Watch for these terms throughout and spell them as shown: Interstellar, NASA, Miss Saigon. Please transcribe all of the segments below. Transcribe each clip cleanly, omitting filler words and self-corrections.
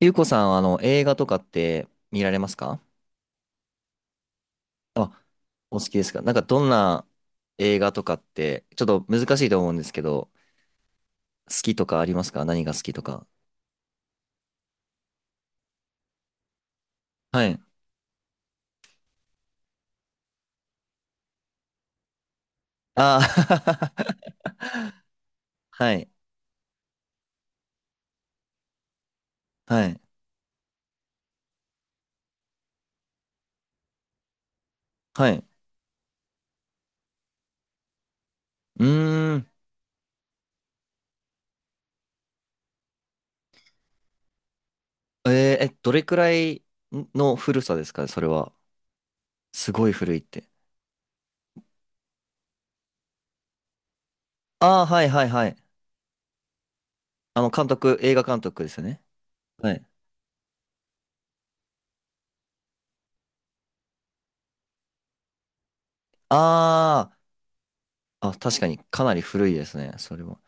ゆうこさんは、映画とかって見られますか？あ、お好きですか？なんか、どんな映画とかって、ちょっと難しいと思うんですけど、好きとかありますか？何が好きとか。はい。ああ はい。はい。はい。うーん。えーえ、どれくらいの古さですかそれは？すごい古いって。ああ、はいはいはい。監督、映画監督ですよね。はい。ああ、あ、確かにかなり古いですね。それは。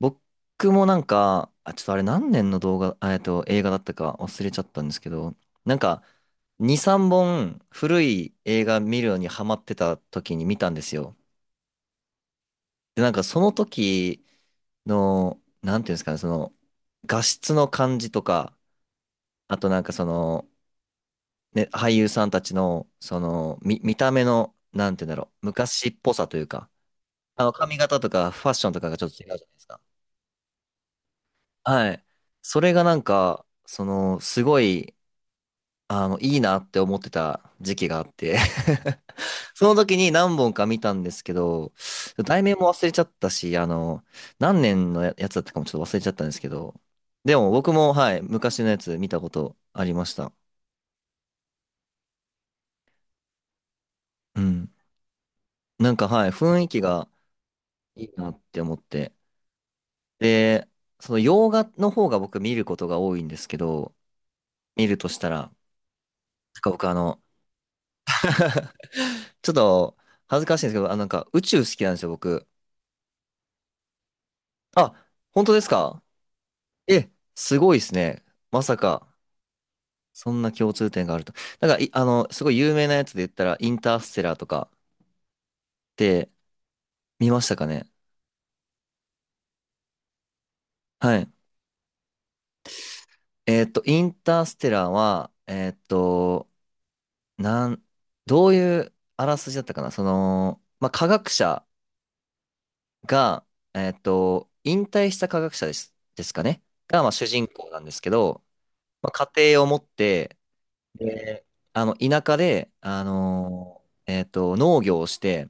僕もなんか、あ、ちょっとあれ何年の動画、あえっと、映画だったか忘れちゃったんですけど、なんか、2、3本古い映画見るのにハマってた時に見たんですよ。で、なんかその時の、なんていうんですかね、その、画質の感じとか、あとなんかその、ね、俳優さんたちの、その、見た目の、なんていうんだろう、昔っぽさというか、髪型とかファッションとかがちょっと違うじゃないですか。はい。それがなんか、その、すごい、いいなって思ってた時期があって その時に何本か見たんですけど、題名も忘れちゃったし、何年のやつだったかもちょっと忘れちゃったんですけど、でも僕も、はい、昔のやつ見たことありました。うん。なんか、はい、雰囲気がいいなって思って。で、その洋画の方が僕見ることが多いんですけど、見るとしたら、なんか僕ちょっと恥ずかしいんですけど、あ、なんか宇宙好きなんですよ、僕。あ、本当ですか？え、すごいですね。まさか、そんな共通点があると。なんか、い、あの、すごい有名なやつで言ったら、インターステラーとかって見ましたかね？はい。インターステラーは、なん、どういうあらすじだったかな。その、まあ、科学者が、引退した科学者ですかねが、まあ、主人公なんですけど、まあ、家庭を持って、で、田舎で、農業をして、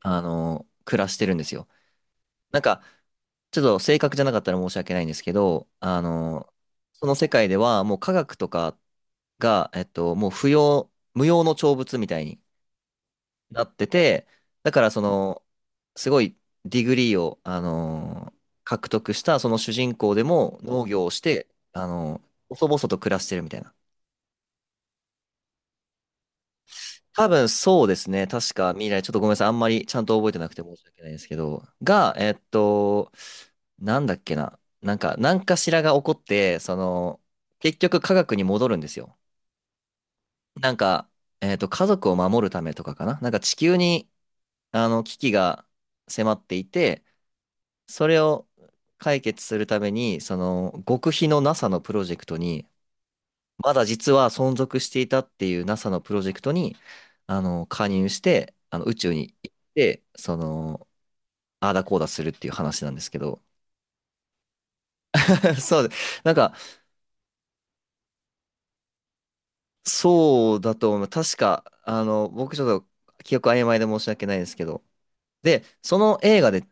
暮らしてるんですよ。なんか、ちょっと正確じゃなかったら申し訳ないんですけど、その世界ではもう科学とかが、もう不要、無用の長物みたいになってて、だからその、すごいディグリーを、獲得したその主人公でも農業をして、細々と暮らしてるみたいな。多分そうですね。確か未来、ちょっとごめんなさい。あんまりちゃんと覚えてなくて申し訳ないですけど、が、なんだっけな。なんか、何かしらが起こって、その、結局科学に戻るんですよ。なんか、家族を守るためとかかな。なんか地球に、危機が迫っていて、それを解決するために、その、極秘の NASA のプロジェクトに、まだ実は存続していたっていう NASA のプロジェクトに、加入して、宇宙に行って、その、ああだこうだするっていう話なんですけど。そうで、なんか、そうだと思う。確か、僕ちょっと記憶曖昧で申し訳ないですけど。で、その映画で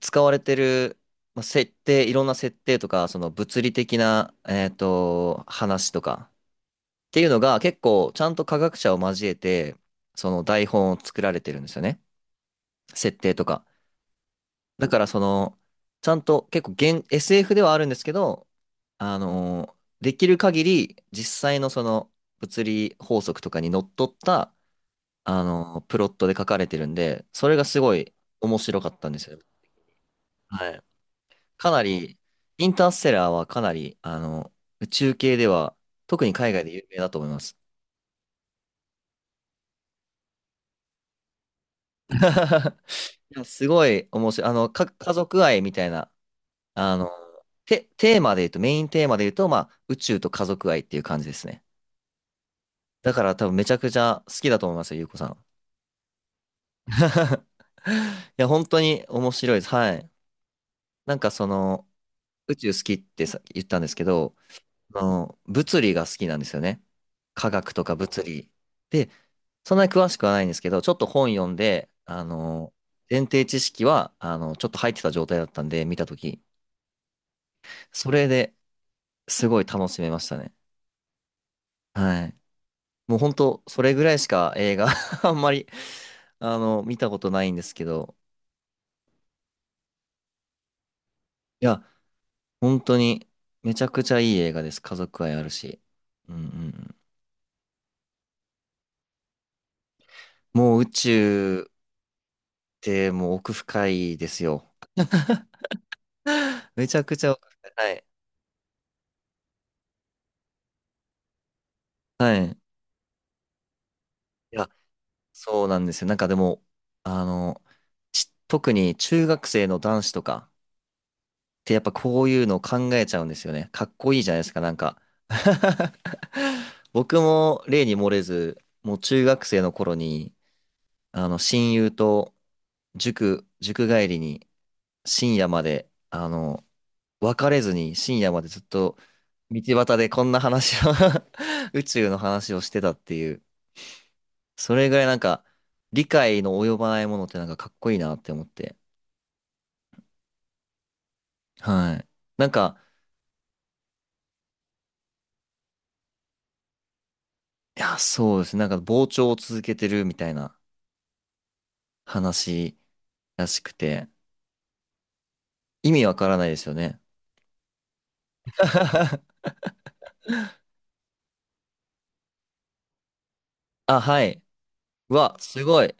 使われてる、まあ、設定、いろんな設定とか、その物理的な、話とかっていうのが結構ちゃんと科学者を交えて、その台本を作られてるんですよね。設定とか。だからその、ちゃんと結構現 SF ではあるんですけど、あのーできる限り実際のその物理法則とかにのっとった、プロットで書かれてるんで、それがすごい面白かったんですよ。はい。かなり、インターステラーはかなり、宇宙系では、特に海外で有名だと思います。いや、すごい面白い。家族愛みたいなあの、テーマで言うと、メインテーマで言うと、まあ、宇宙と家族愛っていう感じですね。だから多分めちゃくちゃ好きだと思いますよ、ゆうこさん。いや、本当に面白いです。はい。なんかその、宇宙好きってさ、言ったんですけど、物理が好きなんですよね。科学とか物理。で、そんなに詳しくはないんですけど、ちょっと本読んで、前提知識は、ちょっと入ってた状態だったんで、見たとき。それですごい楽しめましたね。はい。もうほんと、それぐらいしか映画 あんまり、見たことないんですけど、いや、本当に、めちゃくちゃいい映画です。家族愛あるし。うんうんうん。もう宇宙ってもう奥深いですよ。めちゃくちゃ奥深い。はい。はい。いや、そうなんですよ。なんかでも、あの、特に中学生の男子とか、てやっぱこういうのを考えちゃうんですよね。かっこいいじゃないですか、なんか。僕も例に漏れず、もう中学生の頃に、親友と塾帰りに深夜まで、別れずに深夜までずっと道端でこんな話を 宇宙の話をしてたっていう、それぐらいなんか、理解の及ばないものってなんかかっこいいなって思って。はい。なんか、いや、そうですね。なんか膨張を続けてるみたいな。話らしくて、意味わからないですよね。あ、はい。うわ、すごい。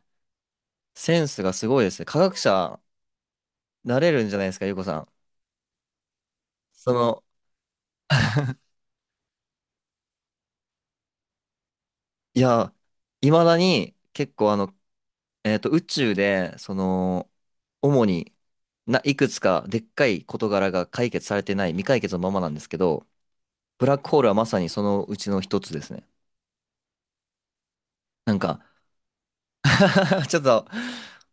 センスがすごいですね。科学者、なれるんじゃないですか、ゆうこさん。その、いや、いまだに結構宇宙で、その、主にいくつかでっかい事柄が解決されてない、未解決のままなんですけど、ブラックホールはまさにそのうちの一つですね。なんか ちょっと、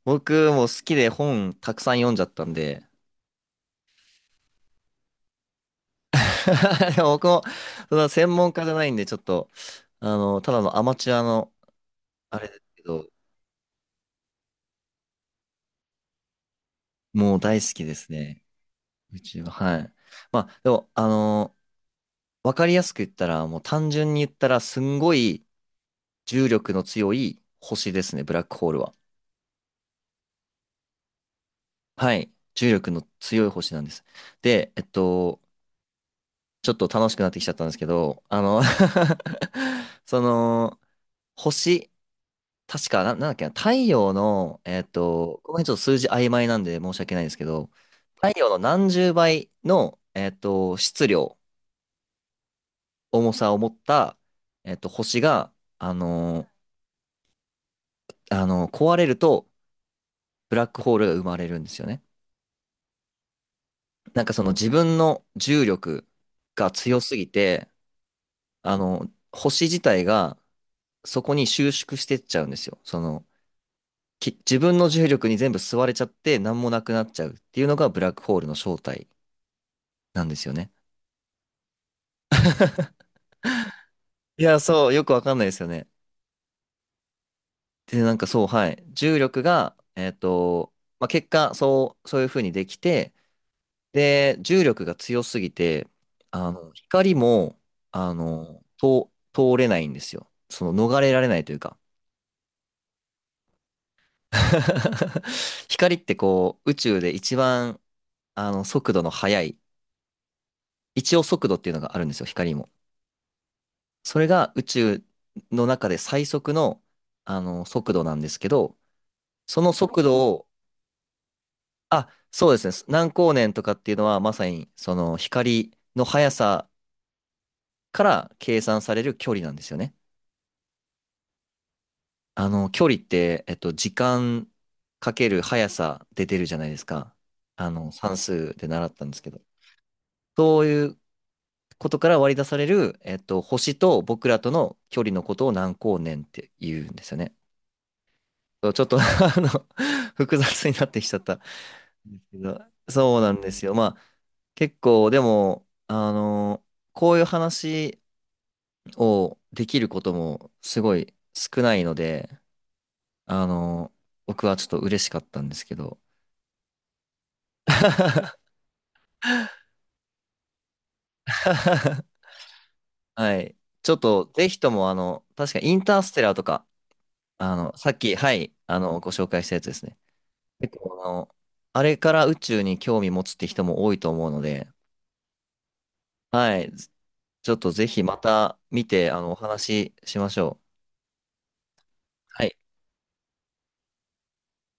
僕も好きで本たくさん読んじゃったんで、でも僕も、その専門家じゃないんで、ちょっと、ただのアマチュアの、あれですけど、もう大好きですね。うちは、はい。まあ、でも、わかりやすく言ったら、もう単純に言ったら、すんごい重力の強い星ですね、ブラックホールは。はい。重力の強い星なんです。で、ちょっと楽しくなってきちゃったんですけど、その、星、確か、なんだっけな、太陽の、この辺ちょっと数字曖昧なんで申し訳ないんですけど、太陽の何十倍の、質量、重さを持った、星が、あの壊れると、ブラックホールが生まれるんですよね。なんかその自分の重力が強すぎて、星自体がそこに収縮してっちゃうんですよ。その、自分の重力に全部吸われちゃって、何もなくなっちゃうっていうのがブラックホールの正体。なんですよね。いや、そう、よくわかんないですよね。で、なんかそう、はい。重力が、まあ、結果、そう、そういうふうにできて、で、重力が強すぎて、光も、あの、通、通れないんですよ。その、逃れられないというか。光ってこう、宇宙で一番、速度の速い、一応速度っていうのがあるんですよ、光も。それが宇宙の中で最速の、速度なんですけど、その速度を、あ、そうですね。何光年とかっていうのは、まさに、その、光の速さから計算される距離なんですよね。距離って、時間かける速さで出るじゃないですか。算数で習ったんですけど。そういうことから割り出される、星と僕らとの距離のことを何光年って言うんですよね。そうちょっと 複雑になってきちゃったんですけど。そうなんですよ。まあ結構でも、こういう話をできることもすごい少ないので、あの僕はちょっと嬉しかったんですけど。はい。ちょっと、ぜひとも、確かインターステラーとか、さっき、はい、ご紹介したやつですね。結構、あれから宇宙に興味持つって人も多いと思うので、はい。ちょっとぜひまた見て、お話ししましょう。はい。